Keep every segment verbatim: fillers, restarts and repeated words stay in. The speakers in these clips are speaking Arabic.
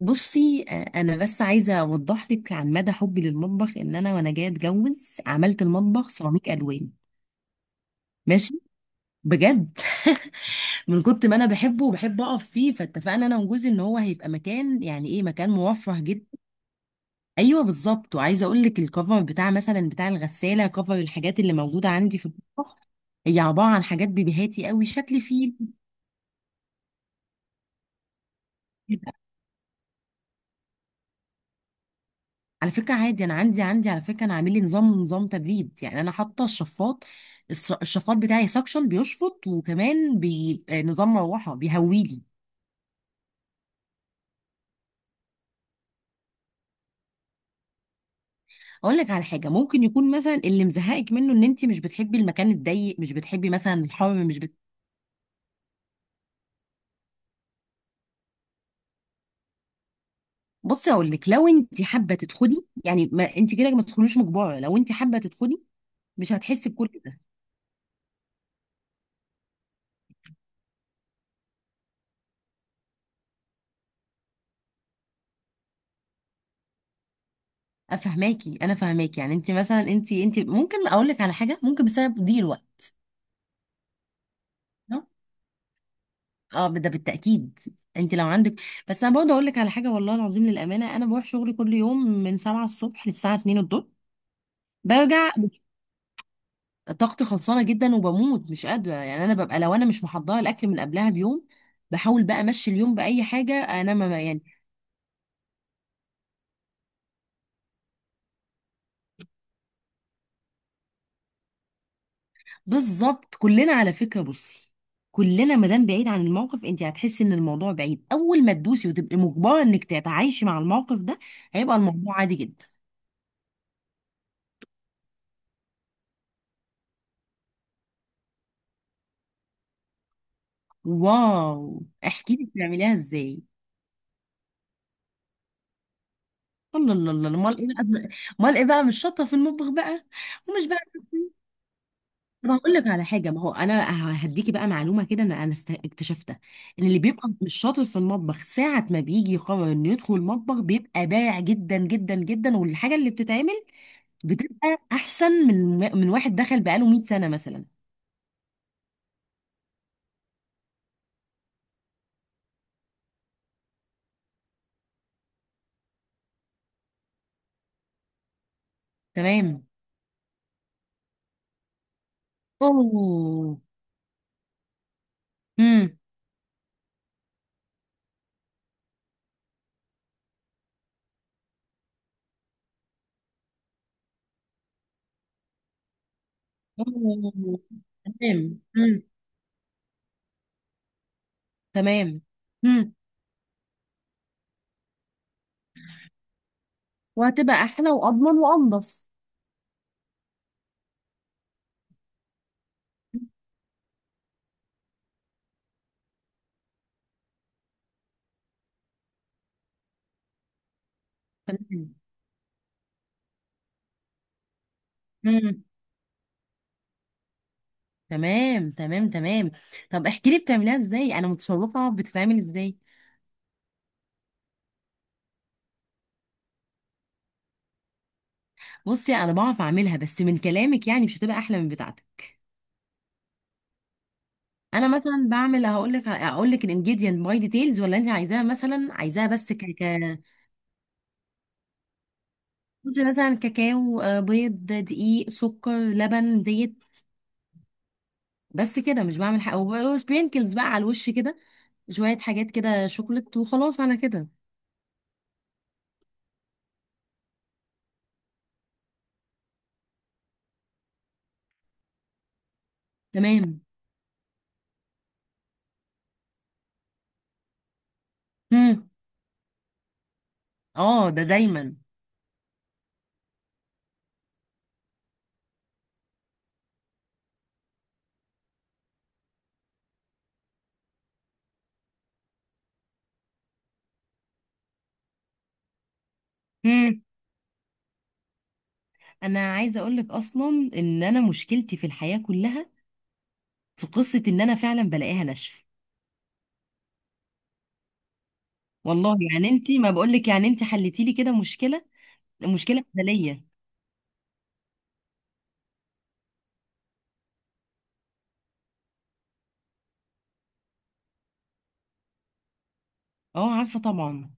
بصي، آه، انا بس عايزه اوضح لك عن مدى حبي للمطبخ ان انا وانا جايه اتجوز عملت المطبخ سيراميك الوان. ماشي. بجد. من كنت ما انا بحبه وبحب اقف فيه، فاتفقنا انا وجوزي ان هو هيبقى مكان، يعني ايه، مكان موفر جدا. ايوه بالظبط. وعايزه اقول لك الكفر بتاع مثلا بتاع الغساله، كفر الحاجات اللي موجوده عندي في المطبخ هي عباره عن حاجات بيبيهاتي قوي شكل فيه. على فكرة عادي أنا عندي عندي، على فكرة أنا عامل لي نظام نظام تبريد، يعني أنا حاطة الشفاط. الس- الشفاط بتاعي سكشن بيشفط، وكمان بي... آه، نظام مروحة بيهويلي. أقول لك على حاجة، ممكن يكون مثلا اللي مزهقك منه إن أنت مش بتحبي المكان الضيق، مش بتحبي مثلا الحر، مش بت... بصي أقول لك، لو أنت حابة تدخلي يعني، ما أنت كده ما تدخلوش مجبرة. لو أنت حابة تدخلي مش هتحسي بكل ده. أفهماكي، أنا فهماكي. يعني أنت مثلا أنت أنت ممكن أقول لك على حاجة، ممكن بسبب ضيق الوقت. اه، ده بالتأكيد. انت لو عندك، بس انا برضه اقول لك على حاجة، والله العظيم للأمانة انا بروح شغلي كل يوم من سبعة الصبح للساعة اتنين الظهر. برجع طاقتي خلصانة جدا، وبموت مش قادرة، يعني انا ببقى لو انا مش محضرة الاكل من قبلها بيوم بحاول بقى امشي اليوم بأي حاجة انا، ما يعني. بالظبط، كلنا على فكرة، بصي، كلنا ما دام بعيد عن الموقف انت هتحسي ان الموضوع بعيد. اول ما تدوسي وتبقي مجبرة انك تتعايشي مع الموقف ده هيبقى الموضوع عادي جدا. واو، احكي لي بتعمليها ازاي. الله الله الله، امال ايه بقى؟ امال ايه بقى، مش شاطره في المطبخ بقى؟ ومش بقى. طب هقول لك على حاجه، ما هو انا هديكي بقى معلومه كده، انا انا است- اكتشفتها ان اللي بيبقى مش شاطر في المطبخ ساعه ما بيجي يقرر انه يدخل المطبخ بيبقى بارع جدا جدا جدا، والحاجه اللي بتتعمل بتبقى احسن من من واحد دخل بقاله مئة سنه مثلا. تمام. اوه. امم. اوه. تمام. امم. تمام. امم. وهتبقى احلى واضمن وانضف. تمام. امم. تمام تمام تمام، طب احكي لي بتعمليها ازاي، انا متشوقه بتتعمل ازاي. بصي انا بعرف اعملها، بس من كلامك يعني مش هتبقى احلى من بتاعتك. انا مثلا بعمل، هقول لك هقول لك الانجيديانت باي ديتيلز ولا انت عايزاها مثلا، عايزاها بس ك ك. مثلا كاكاو، آه، بيض، دقيق، سكر، لبن، زيت. بس كده، مش بعمل حاجه، وسبرينكلز بقى على الوش كده، شويه حاجات كده شوكليت، وخلاص على كده. تمام. امم. اه، ده دايما. انا عايزه اقول لك اصلا ان انا مشكلتي في الحياه كلها في قصه ان انا فعلا بلاقيها ناشفه. والله يعني انت، ما بقول لك يعني انت حلتي لي كده مشكله، مشكله بدنيه. اه عارفه طبعا.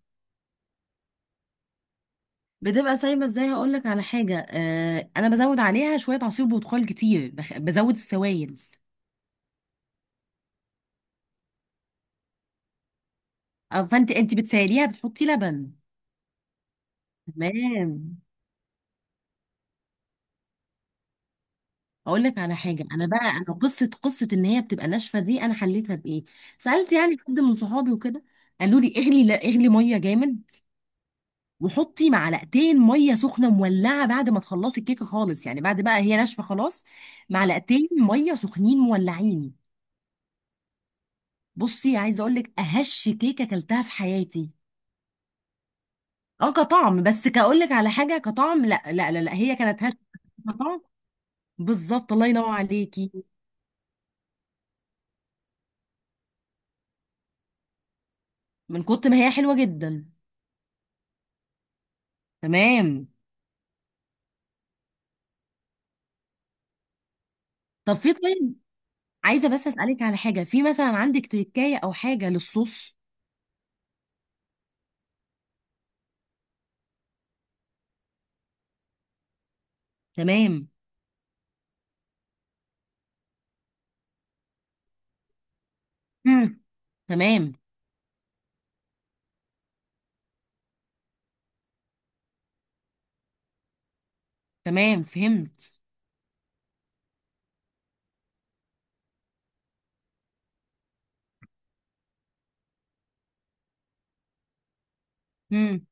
بتبقى سايبه ازاي؟ هقول لك على حاجه، آه انا بزود عليها شويه عصير برتقال كتير، بخ- بزود السوائل. آه، فانت انت بتسيليها، بتحطي لبن. تمام. اقول لك على حاجه، انا بقى انا قصه قصه ان هي بتبقى ناشفه دي انا حليتها بايه. سالت يعني حد من صحابي وكده، قالوا لي اغلي، لا اغلي ميه جامد، وحطي معلقتين ميه سخنه مولعه بعد ما تخلصي الكيكه خالص، يعني بعد بقى هي ناشفه خلاص. معلقتين ميه سخنين مولعين. بصي عايزه اقول لك، اهش كيكه اكلتها في حياتي. اه كطعم، بس كاقول لك على حاجه كطعم، لا لا لا, لا، هي كانت هش كطعم. بالظبط الله ينور عليكي. من كتر ما هي حلوه جدا. تمام. طب في، طيب، عايزه بس اسالك على حاجه، في مثلا عندك تكايه او حاجه للصوص؟ تمام. مم. تمام تمام، فهمت. مم.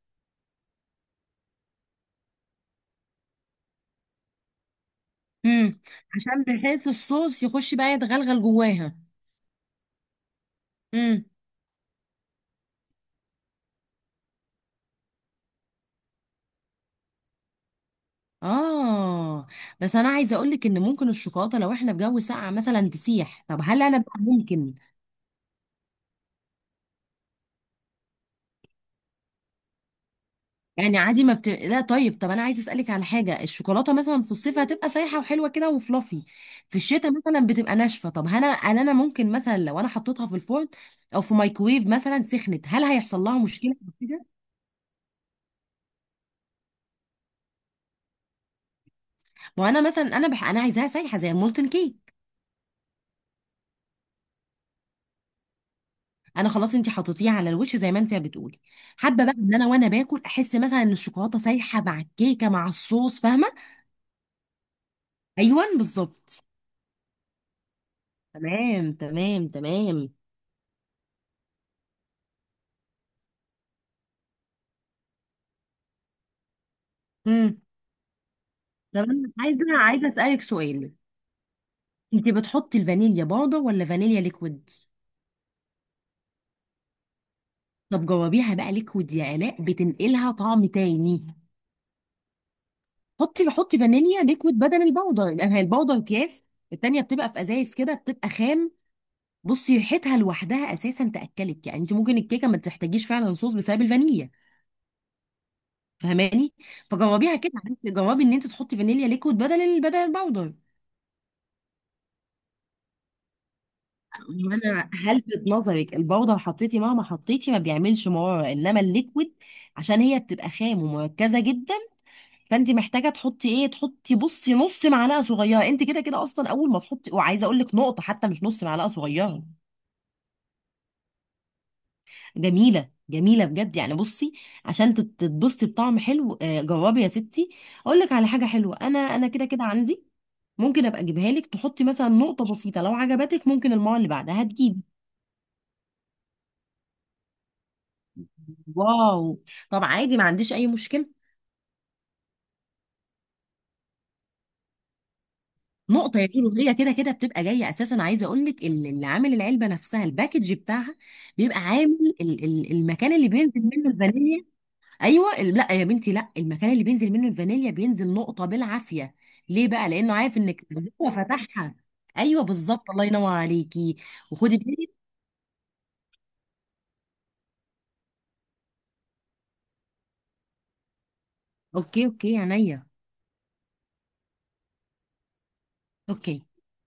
امم. عشان بحيث الصوص يخش بقى يتغلغل جواها. امم. اه، بس انا عايزه اقول لك ان ممكن الشوكولاته لو احنا في جو ساقع مثلا تسيح، طب هل انا بقى ممكن يعني عادي ما بت... لا، طيب، طب انا عايزه اسالك على حاجه، الشوكولاته مثلا في الصيف هتبقى سايحه وحلوه كده وفلافي، في الشتاء مثلا بتبقى ناشفه، طب هل انا هل انا ممكن مثلا لو انا حطيتها في الفرن او في مايكرويف مثلا سخنت، هل هيحصل لها مشكله أو كده؟ ما انا مثلا انا بح... انا عايزاها سايحه زي المولتن كيك. انا خلاص انت حطيتيه على الوش زي ما انت بتقولي، حابه بقى ان انا وانا باكل احس مثلا ان الشوكولاته سايحه مع الكيكه مع الصوص، فاهمه. ايوه بالظبط. تمام تمام تمام. امم. طب انا عايزه عايزه اسالك سؤال، انت بتحطي الفانيليا بودر ولا فانيليا ليكويد؟ طب جربيها بقى ليكويد يا الاء، بتنقلها طعم تاني. حطي حطي فانيليا ليكويد بدل البودر، يبقى هي البودر اكياس، التانية بتبقى في ازايز كده، بتبقى خام. بصي ريحتها لوحدها اساسا تاكلك، يعني انت ممكن الكيكه ما تحتاجيش فعلا صوص بسبب الفانيليا، فهماني. فجربيها كده، عرفتي- جربي ان انت تحطي فانيليا ليكويد بدل ال- بدل الباودر. هو انا هلفت نظرك الباودر حطيتي مهما حطيتي ما بيعملش مراره، انما الليكويد عشان هي بتبقى خام ومركزه جدا. فانت محتاجه تحطي ايه، تحطي بصي نص معلقه صغيره، انت كده كده اصلا اول ما تحطي، وعايزه اقول لك نقطه حتى مش نص معلقه صغيره. جميلة جميلة بجد، يعني بصي، عشان تت- تتبسطي بطعم حلو، آه، جربي يا ستي. اقول لك على حاجة حلوة، انا انا كده كده عندي، ممكن ابقى اجيبها لك، تحطي مثلا نقطة بسيطة، لو عجبتك ممكن المرة اللي بعدها هتجيبي. واو، طب عادي ما عنديش اي مشكلة. نقطة يا كيلو، هي كده كده بتبقى جاية اساسا، عايزة اقول لك ال- اللي عامل العلبة نفسها، الباكج بتاعها بيبقى عامل ال- ال- المكان اللي بينزل منه الفانيليا. ايوه ال- لا يا بنتي، لا، المكان اللي بينزل منه الفانيليا بينزل نقطه بالعافيه، ليه بقى؟ لانه عارف انك هو فتحها. ايوه بالظبط، الله ينور عليكي. وخدي بالك. اوكي اوكي عينيا. اوكي.